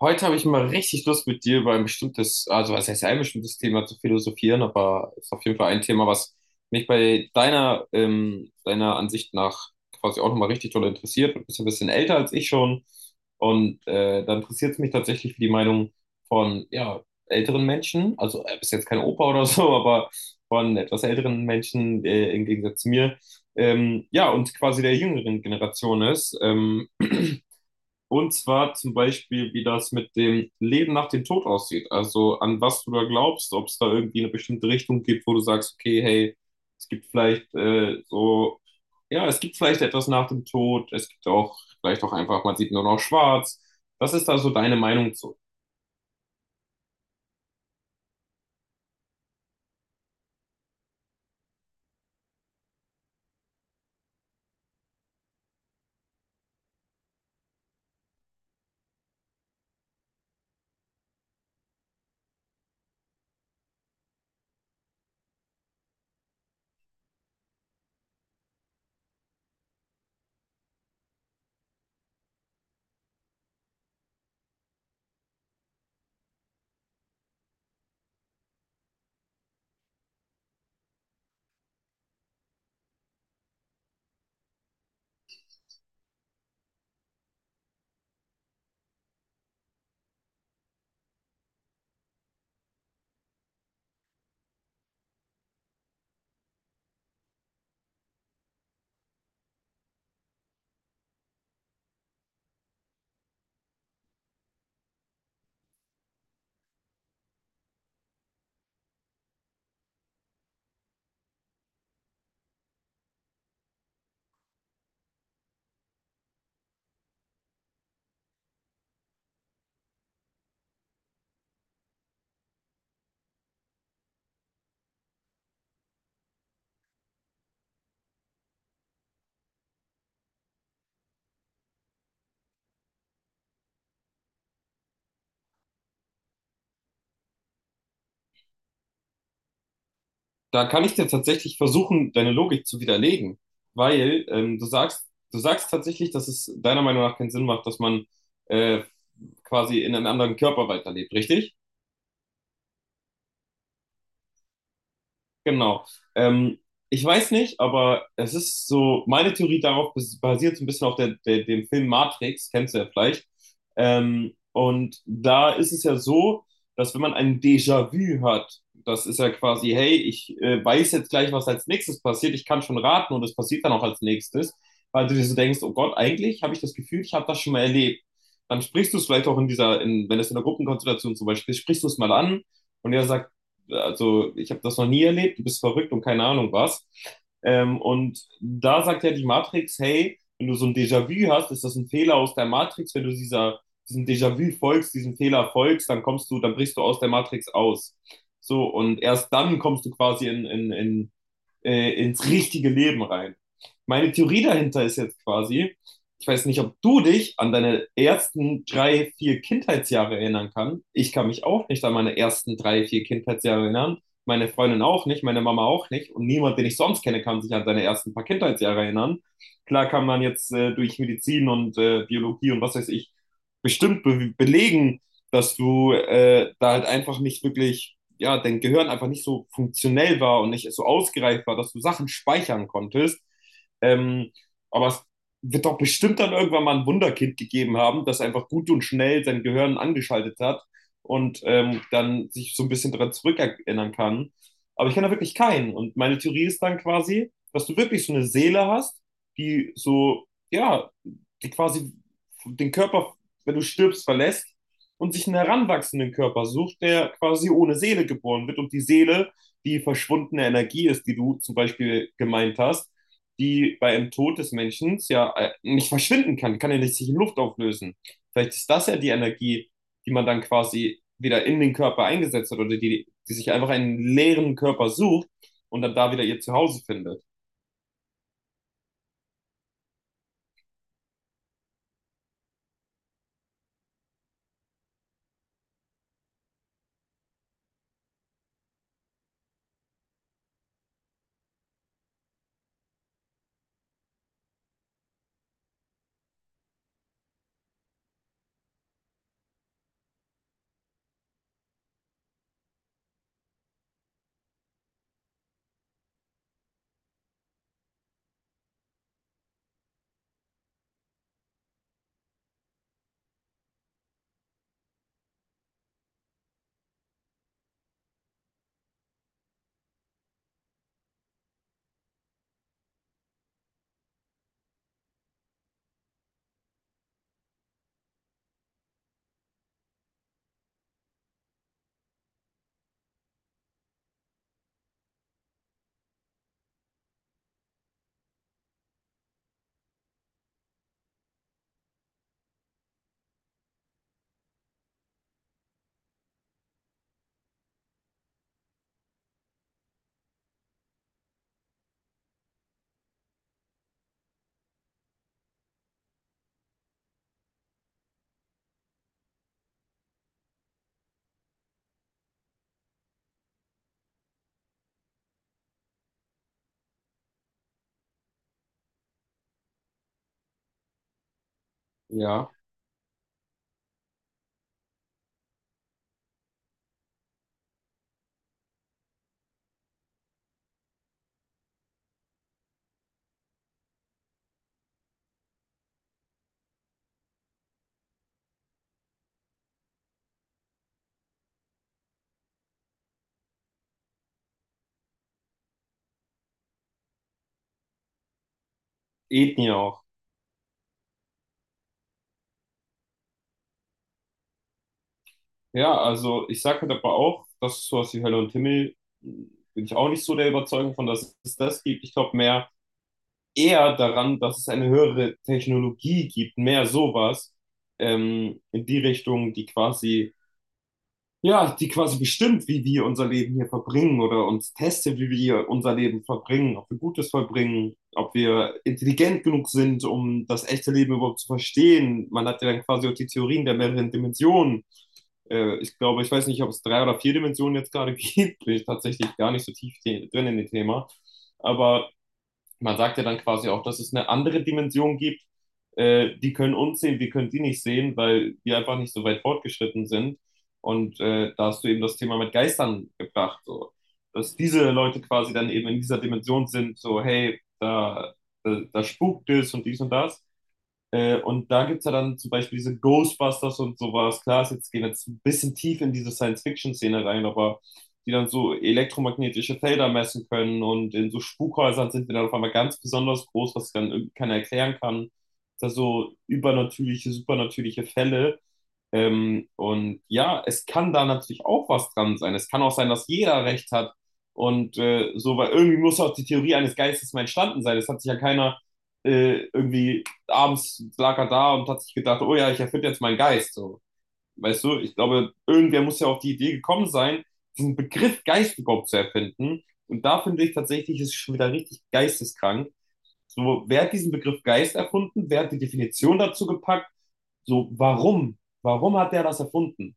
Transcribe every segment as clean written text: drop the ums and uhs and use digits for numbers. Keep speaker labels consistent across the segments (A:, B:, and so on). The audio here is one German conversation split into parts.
A: Heute habe ich mal richtig Lust mit dir über ein bestimmtes, also was heißt ein bestimmtes Thema zu philosophieren, aber es ist auf jeden Fall ein Thema, was mich bei deiner, deiner Ansicht nach quasi auch nochmal richtig doll interessiert. Du bist ein bisschen älter als ich schon und da interessiert es mich tatsächlich für die Meinung von ja, älteren Menschen, also bist jetzt kein Opa oder so, aber von etwas älteren Menschen im Gegensatz zu mir, ja, und quasi der jüngeren Generation ist. Und zwar zum Beispiel, wie das mit dem Leben nach dem Tod aussieht. Also an was du da glaubst, ob es da irgendwie eine bestimmte Richtung gibt, wo du sagst, okay, hey, es gibt vielleicht so, ja, es gibt vielleicht etwas nach dem Tod. Es gibt auch vielleicht auch einfach, man sieht nur noch schwarz. Was ist da so deine Meinung zu? Da kann ich dir tatsächlich versuchen, deine Logik zu widerlegen, weil du sagst tatsächlich, dass es deiner Meinung nach keinen Sinn macht, dass man äh, quasi in einem anderen Körper weiterlebt, richtig? Genau. Ähm, Ich weiß nicht, aber es ist so, meine Theorie darauf basiert so ein bisschen auf dem Film Matrix, kennst du ja vielleicht. Und da ist es ja so, dass wenn man ein Déjà-vu hat, das ist ja quasi, hey, ich weiß jetzt gleich, was als nächstes passiert, ich kann schon raten und es passiert dann auch als nächstes, weil du dir so denkst, oh Gott, eigentlich habe ich das Gefühl, ich habe das schon mal erlebt. Dann sprichst du es vielleicht auch in wenn es in der Gruppenkonstellation zum Beispiel ist, sprichst du es mal an und er sagt, also ich habe das noch nie erlebt, du bist verrückt und keine Ahnung was. Und da sagt ja die Matrix, hey, wenn du so ein Déjà-vu hast, ist das ein Fehler aus der Matrix, wenn du diesem Déjà-vu folgst, diesem Fehler folgst, dann brichst du aus der Matrix aus. So, und erst dann kommst du quasi in ins richtige Leben rein. Meine Theorie dahinter ist jetzt quasi, ich weiß nicht, ob du dich an deine ersten drei, vier Kindheitsjahre erinnern kannst. Ich kann mich auch nicht an meine ersten drei, vier Kindheitsjahre erinnern. Meine Freundin auch nicht, meine Mama auch nicht. Und niemand, den ich sonst kenne, kann sich an seine ersten paar Kindheitsjahre erinnern. Klar kann man jetzt durch Medizin und Biologie und was weiß ich bestimmt be belegen, dass du da halt einfach nicht wirklich ja, dein Gehirn einfach nicht so funktionell war und nicht so ausgereift war, dass du Sachen speichern konntest. Ähm, aber es wird doch bestimmt dann irgendwann mal ein Wunderkind gegeben haben, das einfach gut und schnell sein Gehirn angeschaltet hat und dann sich so ein bisschen daran zurückerinnern kann. Aber ich kenne da wirklich keinen. Und meine Theorie ist dann quasi, dass du wirklich so eine Seele hast, die so, ja, die quasi den Körper, wenn du stirbst, verlässt und sich einen heranwachsenden Körper sucht, der quasi ohne Seele geboren wird und die Seele die verschwundene Energie ist, die du zum Beispiel gemeint hast, die bei einem Tod des Menschen ja nicht verschwinden kann, kann ja nicht sich in Luft auflösen. Vielleicht ist das ja die Energie, die man dann quasi wieder in den Körper eingesetzt hat oder die sich einfach einen leeren Körper sucht und dann da wieder ihr Zuhause findet. Ja, Ethnie auch. Ja, also ich sage halt aber auch, dass sowas wie Hölle und Himmel, mh, bin ich auch nicht so der Überzeugung von, dass es das gibt. Ich glaube mehr eher daran, dass es eine höhere Technologie gibt, mehr sowas in die Richtung, die quasi bestimmt, wie wir unser Leben hier verbringen oder uns testet, wie wir unser Leben verbringen, ob wir Gutes verbringen, ob wir intelligent genug sind, um das echte Leben überhaupt zu verstehen. Man hat ja dann quasi auch die Theorien der mehreren Dimensionen. Ich glaube, ich weiß nicht, ob es drei oder vier Dimensionen jetzt gerade gibt, bin ich tatsächlich gar nicht so tief drin in dem Thema. Aber man sagt ja dann quasi auch, dass es eine andere Dimension gibt, die können uns sehen, wir können die nicht sehen, weil wir einfach nicht so weit fortgeschritten sind. Und da hast du eben das Thema mit Geistern gebracht, so. Dass diese Leute quasi dann eben in dieser Dimension sind, so, hey, da spukt es und dies und das. Und da gibt es ja dann zum Beispiel diese Ghostbusters und sowas. Klar, ist jetzt gehen wir jetzt ein bisschen tief in diese Science-Fiction-Szene rein, aber die dann so elektromagnetische Felder messen können und in so Spukhäusern sind die dann auf einmal ganz besonders groß, was dann irgendwie keiner erklären kann. Das sind so übernatürliche, supernatürliche Fälle. Und ja, es kann da natürlich auch was dran sein. Es kann auch sein, dass jeder recht hat. Und so, weil irgendwie muss auch die Theorie eines Geistes mal entstanden sein. Es hat sich ja keiner irgendwie abends lag er da und hat sich gedacht, oh ja, ich erfinde jetzt meinen Geist. So. Weißt du, ich glaube, irgendwer muss ja auf die Idee gekommen sein, diesen Begriff Geist überhaupt zu erfinden. Und da finde ich tatsächlich, ist schon wieder richtig geisteskrank. So, wer hat diesen Begriff Geist erfunden? Wer hat die Definition dazu gepackt? So, warum? Warum hat der das erfunden?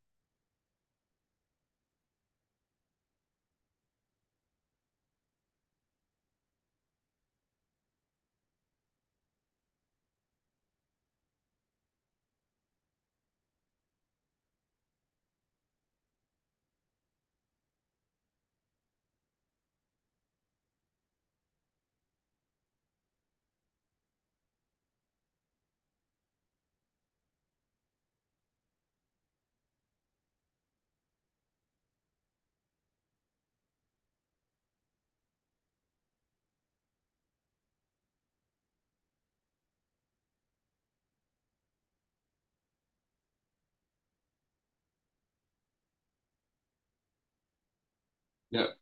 A: Ja.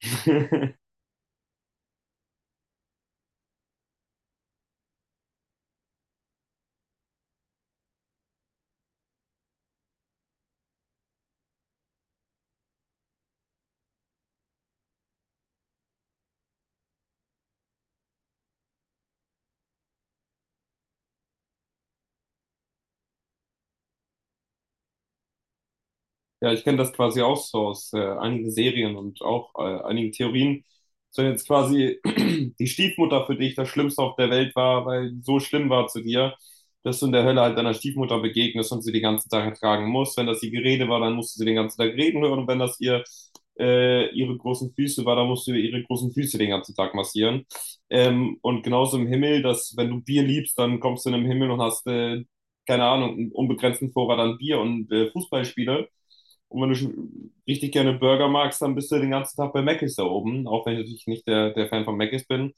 A: Ja, ich kenne das quasi auch so aus einigen Serien und auch einigen Theorien. So jetzt quasi die Stiefmutter für dich das Schlimmste auf der Welt war, weil die so schlimm war zu dir, dass du in der Hölle halt deiner Stiefmutter begegnest und sie den ganzen Tag ertragen musst. Wenn das ihr Gerede war, dann musst du sie den ganzen Tag reden hören. Und wenn das ihr ihre großen Füße war, dann musst du ihre großen Füße den ganzen Tag massieren. Und genauso im Himmel, dass wenn du Bier liebst, dann kommst du in den Himmel und hast keine Ahnung, einen unbegrenzten Vorrat an Bier und Fußballspiele. Und wenn du schon richtig gerne Burger magst, dann bist du den ganzen Tag bei Mc's da oben, auch wenn ich natürlich nicht der Fan von Mc's bin.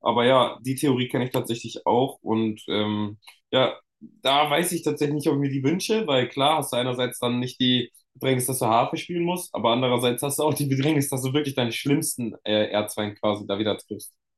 A: Aber ja, die Theorie kenne ich tatsächlich auch. Und ja, da weiß ich tatsächlich nicht, ob ich mir die wünsche, weil klar hast du einerseits dann nicht die Bedrängnis, dass du Harfe spielen musst, aber andererseits hast du auch die Bedrängnis, dass du wirklich deinen schlimmsten Erzfeind quasi da wieder triffst.